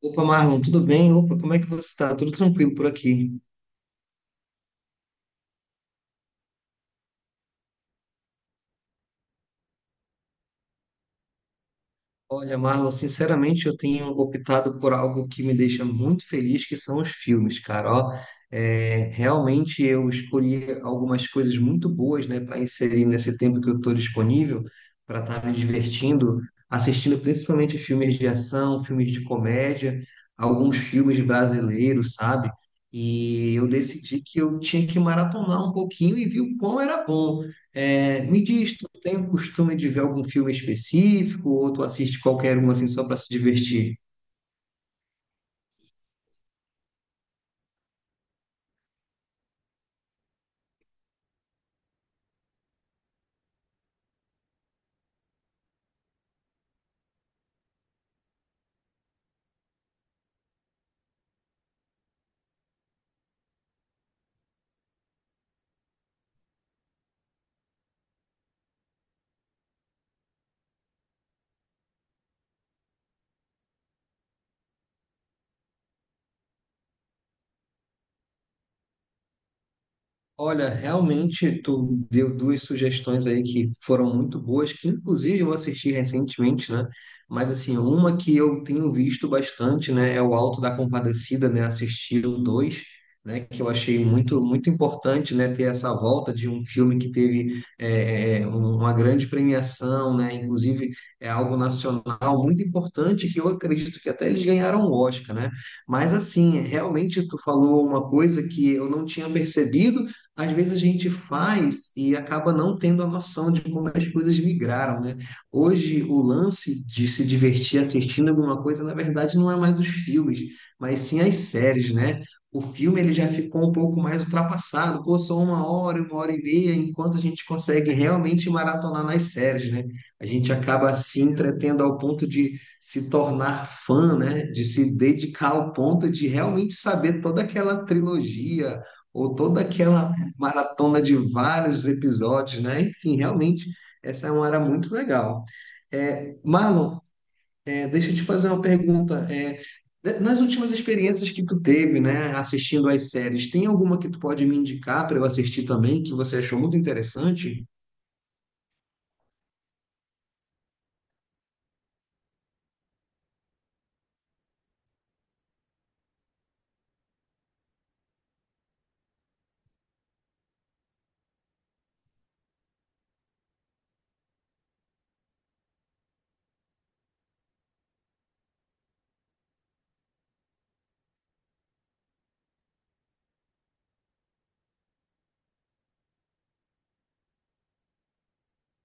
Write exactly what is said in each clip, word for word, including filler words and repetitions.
Opa, Marlon, tudo bem? Opa, como é que você está? Tudo tranquilo por aqui? Olha, Marlon, sinceramente, eu tenho optado por algo que me deixa muito feliz, que são os filmes, cara. Ó, é, realmente eu escolhi algumas coisas muito boas, né, para inserir nesse tempo que eu estou disponível, para estar me divertindo, assistindo principalmente filmes de ação, filmes de comédia, alguns filmes brasileiros, sabe? E eu decidi que eu tinha que maratonar um pouquinho e vi o quão era bom. É, me diz, tu tem o costume de ver algum filme específico ou tu assiste qualquer um assim só para se divertir? Olha, realmente tu deu duas sugestões aí que foram muito boas, que inclusive eu assisti recentemente, né? Mas assim, uma que eu tenho visto bastante, né, é o Alto da Compadecida, né, assistir o dois, né, que eu achei muito muito importante, né, ter essa volta de um filme que teve é, é, um- uma grande premiação, né, inclusive é algo nacional muito importante que eu acredito que até eles ganharam o Oscar, né? Mas assim, realmente tu falou uma coisa que eu não tinha percebido às vezes a gente faz e acaba não tendo a noção de como as coisas migraram, né? Hoje, o lance de se divertir assistindo alguma coisa, na verdade, não é mais os filmes, mas sim as séries, né? O filme ele já ficou um pouco mais ultrapassado, pô, só uma hora, uma hora e meia, enquanto a gente consegue realmente maratonar nas séries, né? A gente acaba se entretendo ao ponto de se tornar fã, né? De se dedicar ao ponto de realmente saber toda aquela trilogia ou toda aquela maratona de vários episódios, né? Enfim, realmente, essa é uma área muito legal. É, Marlon, é, deixa eu te fazer uma pergunta. É, de- nas últimas experiências que tu teve, né, assistindo às séries, tem alguma que tu pode me indicar para eu assistir também, que você achou muito interessante?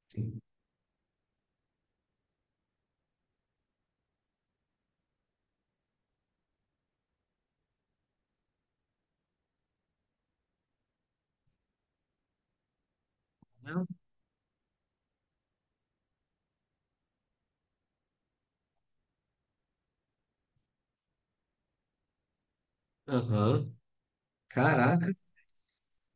Sim. Não? Aham. Caraca.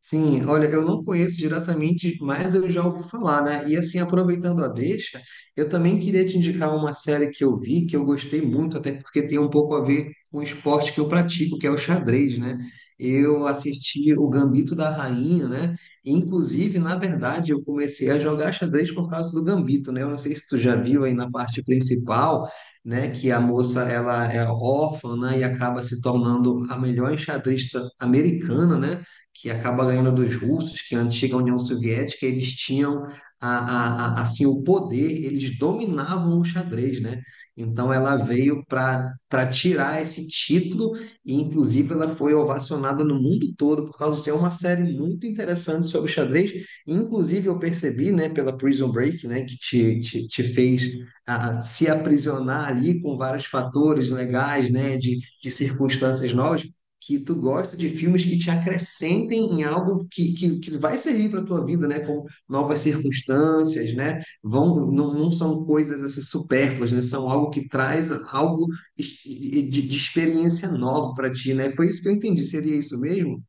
Sim, olha, eu não conheço diretamente, mas eu já ouvi falar, né? E assim, aproveitando a deixa, eu também queria te indicar uma série que eu vi, que eu gostei muito, até porque tem um pouco a ver com o esporte que eu pratico, que é o xadrez, né? Eu assisti o Gambito da Rainha, né? Inclusive, na verdade, eu comecei a jogar xadrez por causa do Gambito, né? Eu não sei se tu já viu aí na parte principal, né, que a moça ela é órfã, né, e acaba se tornando a melhor enxadrista americana, né? Que acaba ganhando dos russos, que é a antiga União Soviética, eles tinham a, a- a- assim o poder, eles dominavam o xadrez, né? Então ela veio para para tirar esse título e inclusive ela foi ovacionada no mundo todo por causa de ser uma série muito interessante sobre xadrez. Inclusive eu percebi, né, pela Prison Break, né, que te, te, te fez ah, se aprisionar ali com vários fatores legais, né, de, de circunstâncias novas que tu gosta de filmes que te acrescentem em algo que, que, que vai servir para a tua vida, né? Como novas circunstâncias, né? Vão, não, não são coisas assim, supérfluas, né? São algo que traz algo es- de, de experiência nova para ti, né? Foi isso que eu entendi. Seria isso mesmo?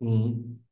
Uhum.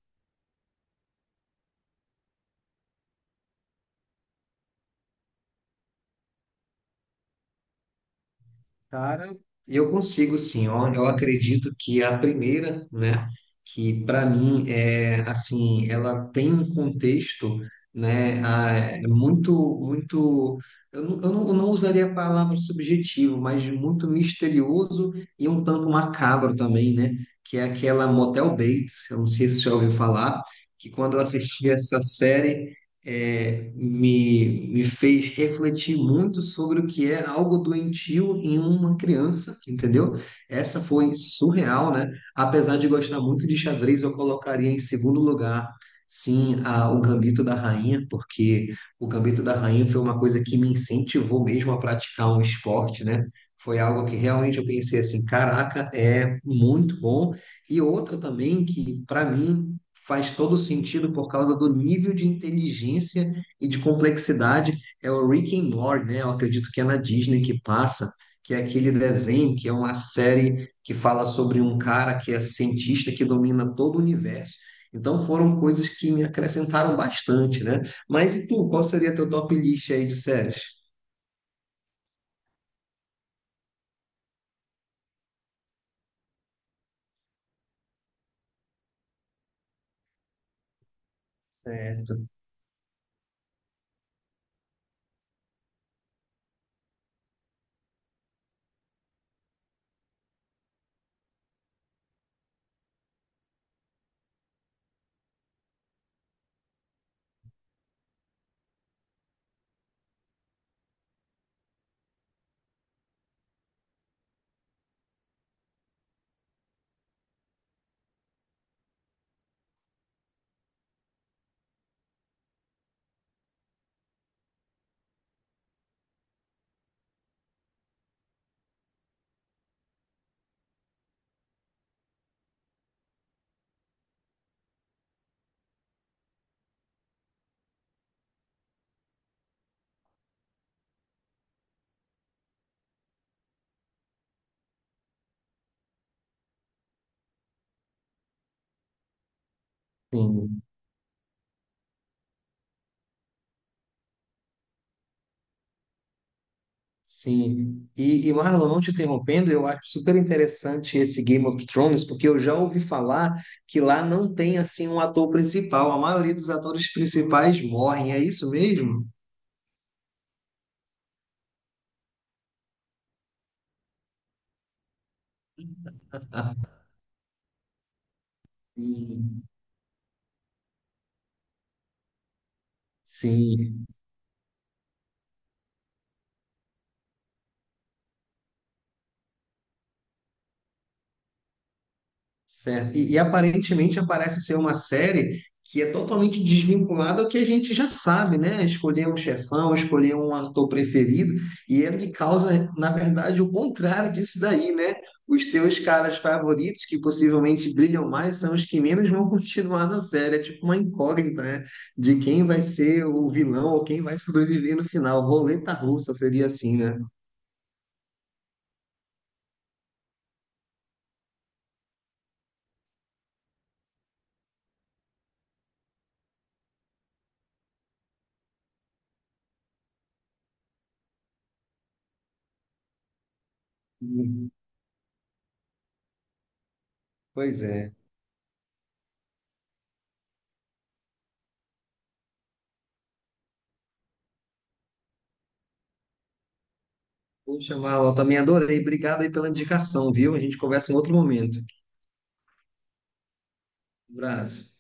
Cara, eu consigo sim. Olha, eu acredito que é a primeira, né, que para mim é assim, ela tem um contexto, né, ah, é muito, muito. Eu não, eu não, eu não usaria a palavra subjetivo, mas muito misterioso e um tanto macabro também, né? Que é aquela Motel Bates. Eu não sei se você já ouviu falar. Que quando eu assisti essa série é, me, me fez refletir muito sobre o que é algo doentio em uma criança, entendeu? Essa foi surreal, né? Apesar de gostar muito de xadrez, eu colocaria em segundo lugar, sim, a, o Gambito da Rainha, porque o Gambito da Rainha foi uma coisa que me incentivou mesmo a praticar um esporte, né? Foi algo que realmente eu pensei assim, caraca, é muito bom. E outra também que, para mim, faz todo sentido por causa do nível de inteligência e de complexidade. É o Rick and Morty, né? Eu acredito que é na Disney que passa, que é aquele desenho, que é uma série que fala sobre um cara que é cientista que domina todo o universo. Então foram coisas que me acrescentaram bastante, né? Mas e tu, qual seria teu top list aí de séries? Certo. Sim. Sim. E, e Marlon, não te interrompendo, eu acho super interessante esse Game of Thrones, porque eu já ouvi falar que lá não tem assim um ator principal. A maioria dos atores principais morrem, é isso mesmo? Sim. Sim. Certo. E, e aparentemente parece ser uma série que é totalmente desvinculada ao que a gente já sabe, né? Escolher um chefão, escolher um ator preferido, e ele causa, na verdade, o contrário disso daí, né? Os teus caras favoritos, que possivelmente brilham mais, são os que menos vão continuar na série. É tipo uma incógnita, né? De quem vai ser o vilão ou quem vai sobreviver no final. Roleta russa seria assim, né? Uhum. Pois é. Poxa, Val, eu também adorei. Obrigado aí pela indicação, viu? A gente conversa em outro momento. Um abraço.